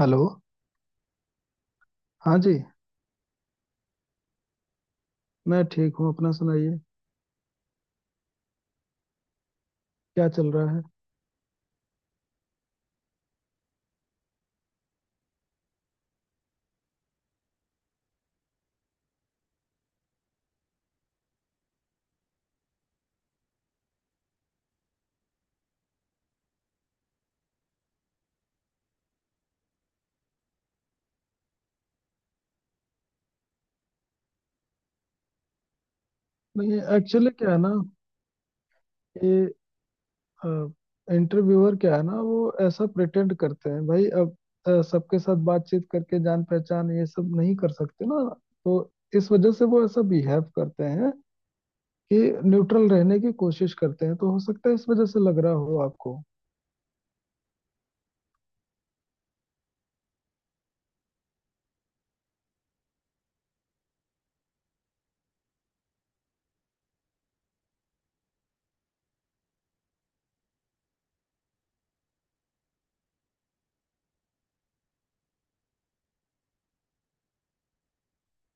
Hello. हाँ जी, मैं ठीक हूँ। अपना सुनाइए। क्या चल रहा है? नहीं, एक्चुअली क्या है ना, ये इंटरव्यूअर क्या है ना, वो ऐसा प्रिटेंड करते हैं भाई। अब सबके साथ बातचीत करके जान पहचान ये सब नहीं कर सकते ना, तो इस वजह से वो ऐसा बिहेव करते हैं कि न्यूट्रल रहने की कोशिश करते हैं। तो हो सकता है इस वजह से लग रहा हो आपको।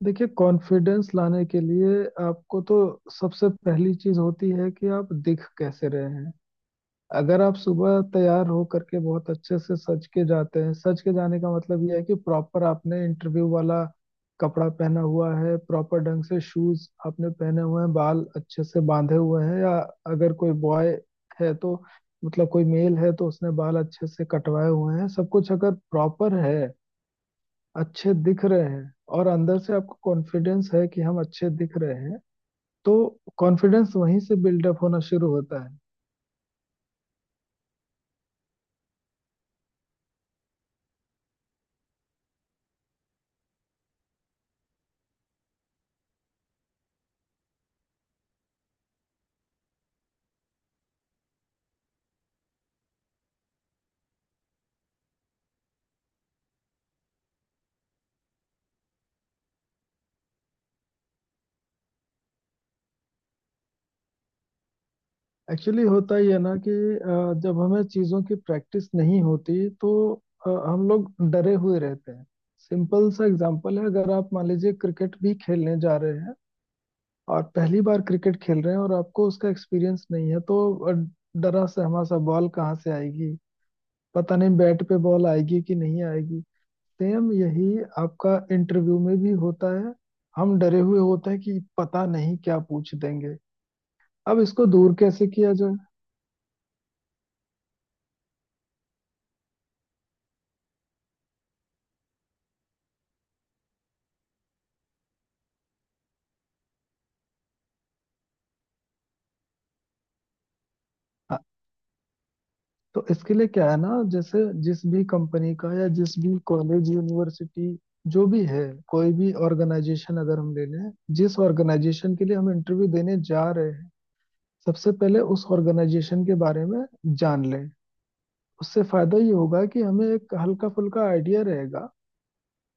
देखिए, कॉन्फिडेंस लाने के लिए आपको तो सबसे पहली चीज होती है कि आप दिख कैसे रहे हैं। अगर आप सुबह तैयार हो करके बहुत अच्छे से सज के जाते हैं, सज के जाने का मतलब यह है कि प्रॉपर आपने इंटरव्यू वाला कपड़ा पहना हुआ है, प्रॉपर ढंग से शूज आपने पहने हुए हैं, बाल अच्छे से बांधे हुए हैं, या अगर कोई बॉय है तो, मतलब कोई मेल है तो उसने बाल अच्छे से कटवाए हुए हैं, सब कुछ अगर प्रॉपर है, अच्छे दिख रहे हैं, और अंदर से आपको कॉन्फिडेंस है कि हम अच्छे दिख रहे हैं, तो कॉन्फिडेंस वहीं से बिल्डअप होना शुरू होता है। एक्चुअली होता ही है ना कि जब हमें चीज़ों की प्रैक्टिस नहीं होती तो हम लोग डरे हुए रहते हैं। सिंपल सा एग्जांपल है, अगर आप मान लीजिए क्रिकेट भी खेलने जा रहे हैं और पहली बार क्रिकेट खेल रहे हैं और आपको उसका एक्सपीरियंस नहीं है, तो अ, डरा सहमा सा, बॉल कहाँ से आएगी पता नहीं, बैट पे बॉल आएगी कि नहीं आएगी। सेम यही आपका इंटरव्यू में भी होता है। हम डरे हुए होते हैं कि पता नहीं क्या पूछ देंगे। अब इसको दूर कैसे किया जाए, तो इसके लिए क्या है ना, जैसे जिस भी कंपनी का या जिस भी कॉलेज यूनिवर्सिटी, जो भी है कोई भी ऑर्गेनाइजेशन अगर हम ले लें, जिस ऑर्गेनाइजेशन के लिए हम इंटरव्यू देने जा रहे हैं, सबसे पहले उस ऑर्गेनाइजेशन के बारे में जान लें। उससे फायदा ये होगा कि हमें एक हल्का फुल्का आइडिया रहेगा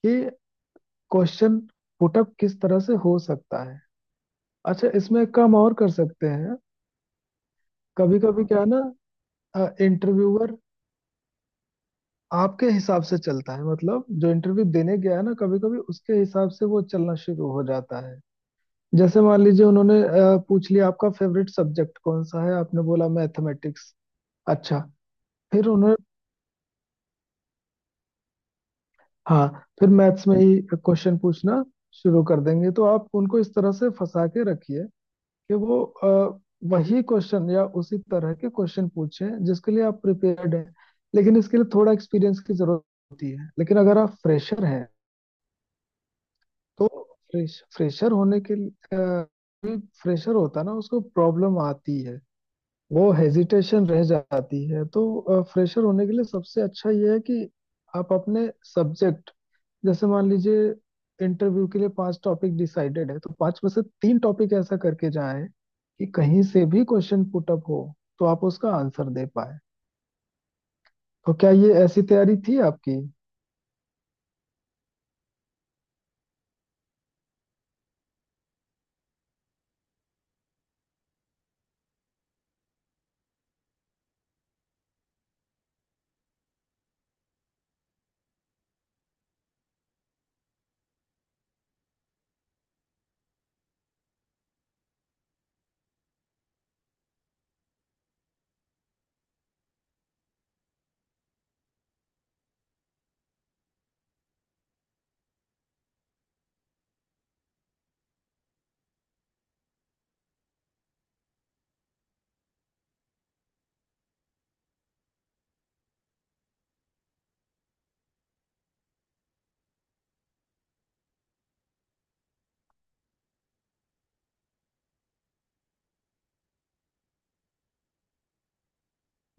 कि क्वेश्चन पुटअप किस तरह से हो सकता है। अच्छा, इसमें एक काम और कर सकते हैं। कभी कभी क्या है ना, इंटरव्यूअर आपके हिसाब से चलता है, मतलब जो इंटरव्यू देने गया है ना, कभी कभी उसके हिसाब से वो चलना शुरू हो जाता है। जैसे मान लीजिए, उन्होंने पूछ लिया आपका फेवरेट सब्जेक्ट कौन सा है, आपने बोला मैथमेटिक्स। अच्छा, फिर उन्होंने, हाँ, फिर मैथ्स में ही क्वेश्चन पूछना शुरू कर देंगे। तो आप उनको इस तरह से फंसा के रखिए कि वो वही क्वेश्चन या उसी तरह के क्वेश्चन पूछे जिसके लिए आप प्रिपेयर्ड हैं। लेकिन इसके लिए थोड़ा एक्सपीरियंस की जरूरत होती है। लेकिन अगर आप फ्रेशर हैं तो, फ्रेशर होने के लिए, फ्रेशर होता है ना, उसको प्रॉब्लम आती है, वो हेजिटेशन रह जाती है। तो फ्रेशर होने के लिए सबसे अच्छा ये है कि आप अपने सब्जेक्ट, जैसे मान लीजिए इंटरव्यू के लिए 5 टॉपिक डिसाइडेड है, तो 5 में से 3 टॉपिक ऐसा करके जाएं कि कहीं से भी क्वेश्चन पुटअप हो तो आप उसका आंसर दे पाए। तो क्या ये ऐसी तैयारी थी आपकी?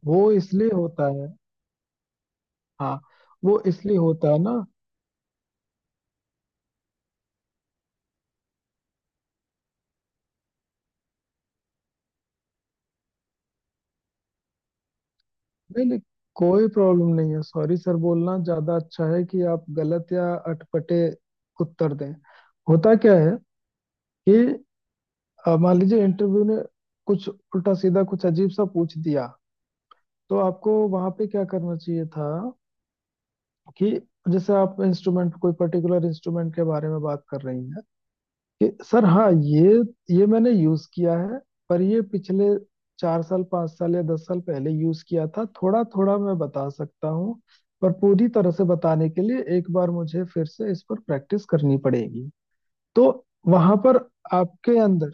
वो इसलिए होता है। हाँ, वो इसलिए होता है ना। नहीं नहीं, कोई प्रॉब्लम नहीं है। सॉरी सर बोलना ज्यादा अच्छा है कि आप गलत या अटपटे उत्तर दें। होता क्या है कि मान लीजिए इंटरव्यू ने कुछ उल्टा सीधा, कुछ अजीब सा पूछ दिया, तो आपको वहां पे क्या करना चाहिए था कि, जैसे आप इंस्ट्रूमेंट, कोई पर्टिकुलर इंस्ट्रूमेंट के बारे में बात कर रही हैं कि सर, हाँ ये मैंने यूज किया है, पर ये पिछले 4 साल, 5 साल या 10 साल पहले यूज किया था, थोड़ा थोड़ा मैं बता सकता हूँ, पर पूरी तरह से बताने के लिए एक बार मुझे फिर से इस पर प्रैक्टिस करनी पड़ेगी। तो वहां पर आपके अंदर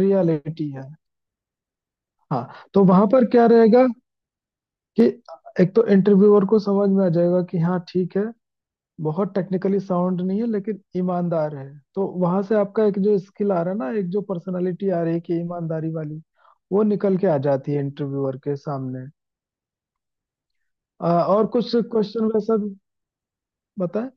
रियलिटी है। हाँ, तो वहां पर क्या रहेगा कि एक तो इंटरव्यूअर को समझ में आ जाएगा कि हाँ ठीक है, बहुत टेक्निकली साउंड नहीं है लेकिन ईमानदार है। तो वहां से आपका एक जो स्किल आ रहा है ना, एक जो पर्सनालिटी आ रही है कि ईमानदारी वाली, वो निकल के आ जाती है इंटरव्यूअर के सामने। और कुछ क्वेश्चन वैसा भी बताएं।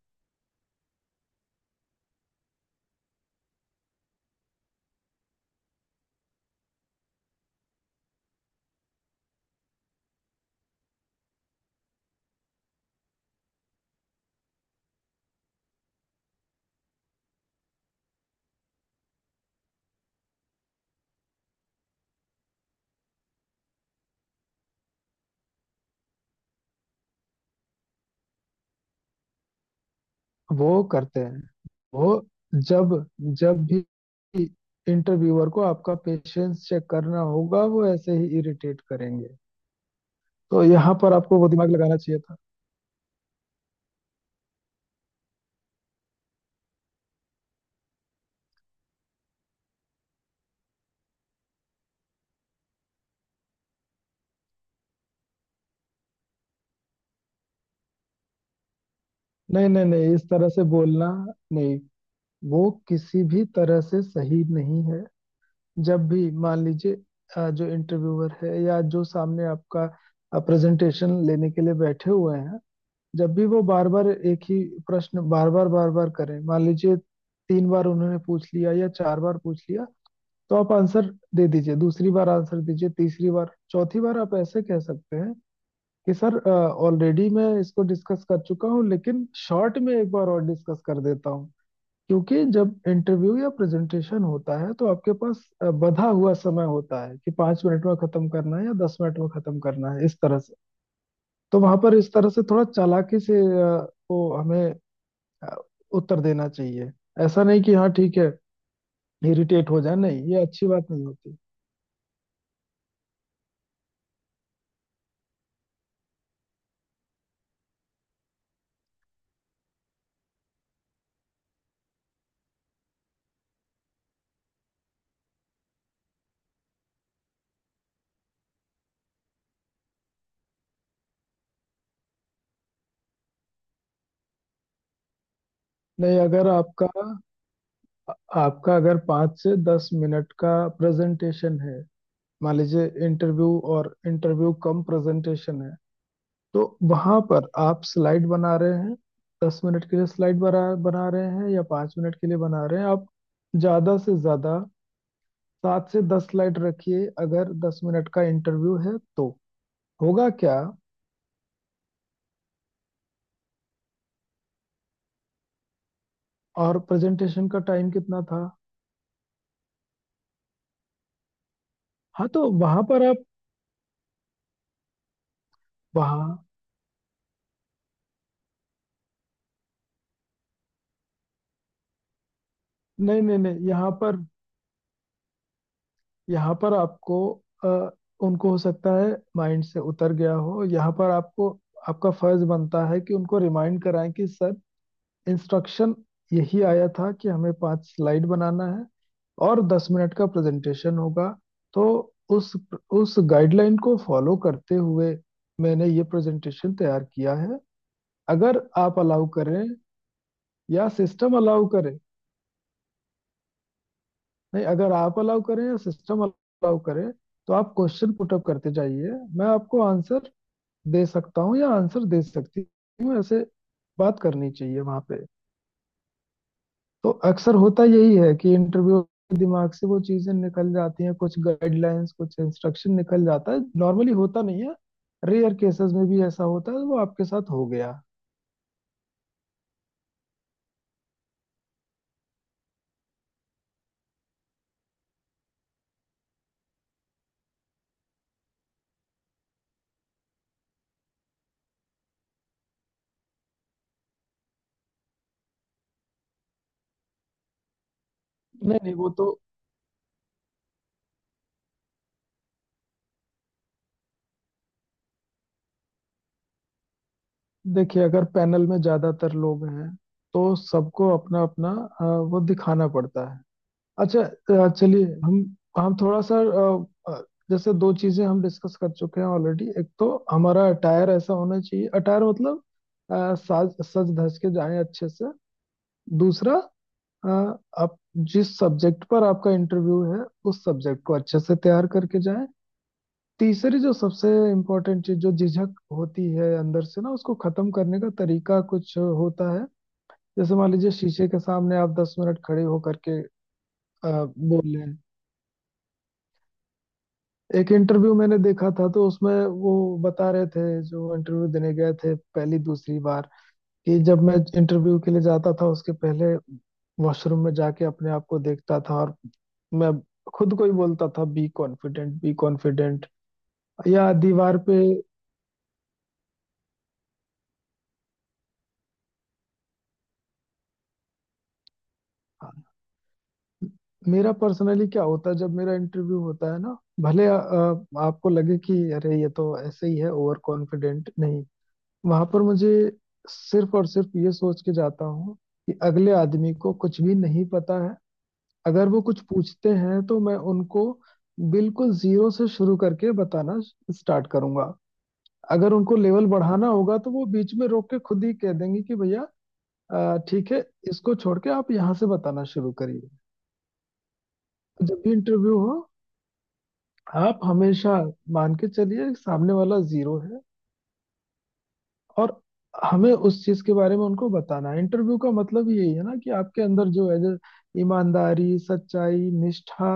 वो करते हैं वो। जब जब भी इंटरव्यूअर को आपका पेशेंस चेक करना होगा, वो ऐसे ही इरिटेट करेंगे। तो यहाँ पर आपको वो दिमाग लगाना चाहिए था। नहीं नहीं नहीं, इस तरह से बोलना, नहीं वो किसी भी तरह से सही नहीं है। जब भी, मान लीजिए, जो इंटरव्यूअर है या जो सामने आपका प्रेजेंटेशन लेने के लिए बैठे हुए हैं, जब भी वो बार बार एक ही प्रश्न बार बार बार बार करें, मान लीजिए 3 बार उन्होंने पूछ लिया या 4 बार पूछ लिया, तो आप आंसर दे दीजिए, दूसरी बार आंसर दीजिए, तीसरी बार, चौथी बार आप ऐसे कह सकते हैं कि सर, ऑलरेडी मैं इसको डिस्कस कर चुका हूँ लेकिन शॉर्ट में एक बार और डिस्कस कर देता हूँ। क्योंकि जब इंटरव्यू या प्रेजेंटेशन होता है तो आपके पास बंधा हुआ समय होता है कि 5 मिनट में खत्म करना है या 10 मिनट में खत्म करना है, इस तरह से। तो वहां पर इस तरह से थोड़ा चालाकी से वो हमें अ, उत्तर देना चाहिए। ऐसा नहीं कि हाँ ठीक है, इरिटेट हो जाए, नहीं, ये अच्छी बात नहीं होती। नहीं, अगर आपका आपका अगर 5 से 10 मिनट का प्रेजेंटेशन है, मान लीजिए इंटरव्यू, और इंटरव्यू कम प्रेजेंटेशन है, तो वहां पर आप स्लाइड बना रहे हैं 10 मिनट के लिए, स्लाइड बना बना रहे हैं या 5 मिनट के लिए बना रहे हैं, आप ज्यादा से ज्यादा 7 से 10 स्लाइड रखिए अगर 10 मिनट का इंटरव्यू है तो, होगा क्या? और प्रेजेंटेशन का टाइम कितना था? हाँ, तो वहां पर आप, वहाँ, नहीं नहीं नहीं, यहाँ पर, आपको अ, उनको हो सकता है माइंड से उतर गया हो। यहाँ पर आपको, आपका फर्ज बनता है कि उनको रिमाइंड कराएं कि सर, इंस्ट्रक्शन यही आया था कि हमें 5 स्लाइड बनाना है और 10 मिनट का प्रेजेंटेशन होगा। तो उस उस गाइडलाइन को फॉलो करते हुए मैंने ये प्रेजेंटेशन तैयार किया है। अगर आप अलाउ करें या सिस्टम अलाउ करे नहीं अगर आप अलाउ करें या सिस्टम अलाउ करे, तो आप क्वेश्चन पुटअप करते जाइए, मैं आपको आंसर दे सकता हूँ या आंसर दे सकती हूँ, ऐसे बात करनी चाहिए वहां पे। तो अक्सर होता यही है कि इंटरव्यू, दिमाग से वो चीजें निकल जाती हैं, कुछ गाइडलाइंस, कुछ इंस्ट्रक्शन निकल जाता है। नॉर्मली होता नहीं है, रेयर केसेस में भी ऐसा होता है, वो आपके साथ हो गया। नहीं नहीं, वो तो, देखिए, अगर पैनल में ज्यादातर लोग हैं तो सबको अपना अपना वो दिखाना पड़ता है। अच्छा, चलिए, हम थोड़ा सा, अ, अ, जैसे दो चीजें हम डिस्कस कर चुके हैं ऑलरेडी। एक तो हमारा अटायर ऐसा होना चाहिए, अटायर मतलब साज सज धज के जाएं अच्छे से। दूसरा, अ, आप जिस सब्जेक्ट पर आपका इंटरव्यू है, उस सब्जेक्ट को अच्छे से तैयार करके जाएं। तीसरी जो सबसे इम्पोर्टेंट चीज, जो झिझक होती है अंदर से ना, उसको खत्म करने का तरीका कुछ होता है। जैसे मान लीजिए, शीशे के सामने आप 10 मिनट खड़े होकर के अ, बोल लें। एक इंटरव्यू मैंने देखा था तो उसमें वो बता रहे थे, जो इंटरव्यू देने गए थे पहली दूसरी बार, कि जब मैं इंटरव्यू के लिए जाता था उसके पहले वॉशरूम में जाके अपने आप को देखता था और मैं खुद को ही बोलता था, बी कॉन्फिडेंट, बी कॉन्फिडेंट, या दीवार पे। मेरा पर्सनली क्या होता है जब मेरा इंटरव्यू होता है ना, भले आपको लगे कि अरे ये तो ऐसे ही है, ओवर कॉन्फिडेंट, नहीं, वहां पर मुझे सिर्फ और सिर्फ ये सोच के जाता हूँ कि अगले आदमी को कुछ भी नहीं पता है। अगर वो कुछ पूछते हैं तो मैं उनको बिल्कुल जीरो से शुरू करके बताना स्टार्ट करूंगा। अगर उनको लेवल बढ़ाना होगा तो वो बीच में रोक के खुद ही कह देंगे कि भैया, ठीक है, इसको छोड़ के आप यहाँ से बताना शुरू करिए। तो जब भी इंटरव्यू हो, आप हमेशा मान के चलिए सामने वाला जीरो है, और हमें उस चीज के बारे में उनको बताना है। इंटरव्यू का मतलब यही है ना कि आपके अंदर जो है, जो ईमानदारी, सच्चाई, निष्ठा,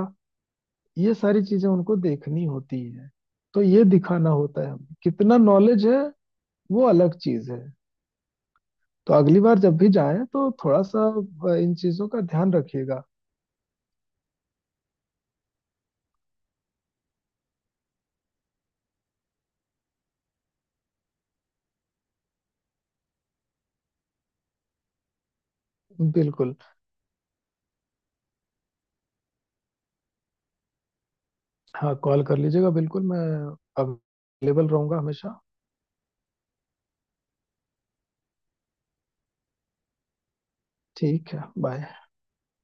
ये सारी चीजें उनको देखनी होती है। तो ये दिखाना होता है, हमें कितना नॉलेज है वो अलग चीज है। तो अगली बार जब भी जाएं तो थोड़ा सा इन चीजों का ध्यान रखिएगा। बिल्कुल। हाँ, कॉल कर लीजिएगा, बिल्कुल, मैं अवेलेबल रहूंगा हमेशा। ठीक है, बाय।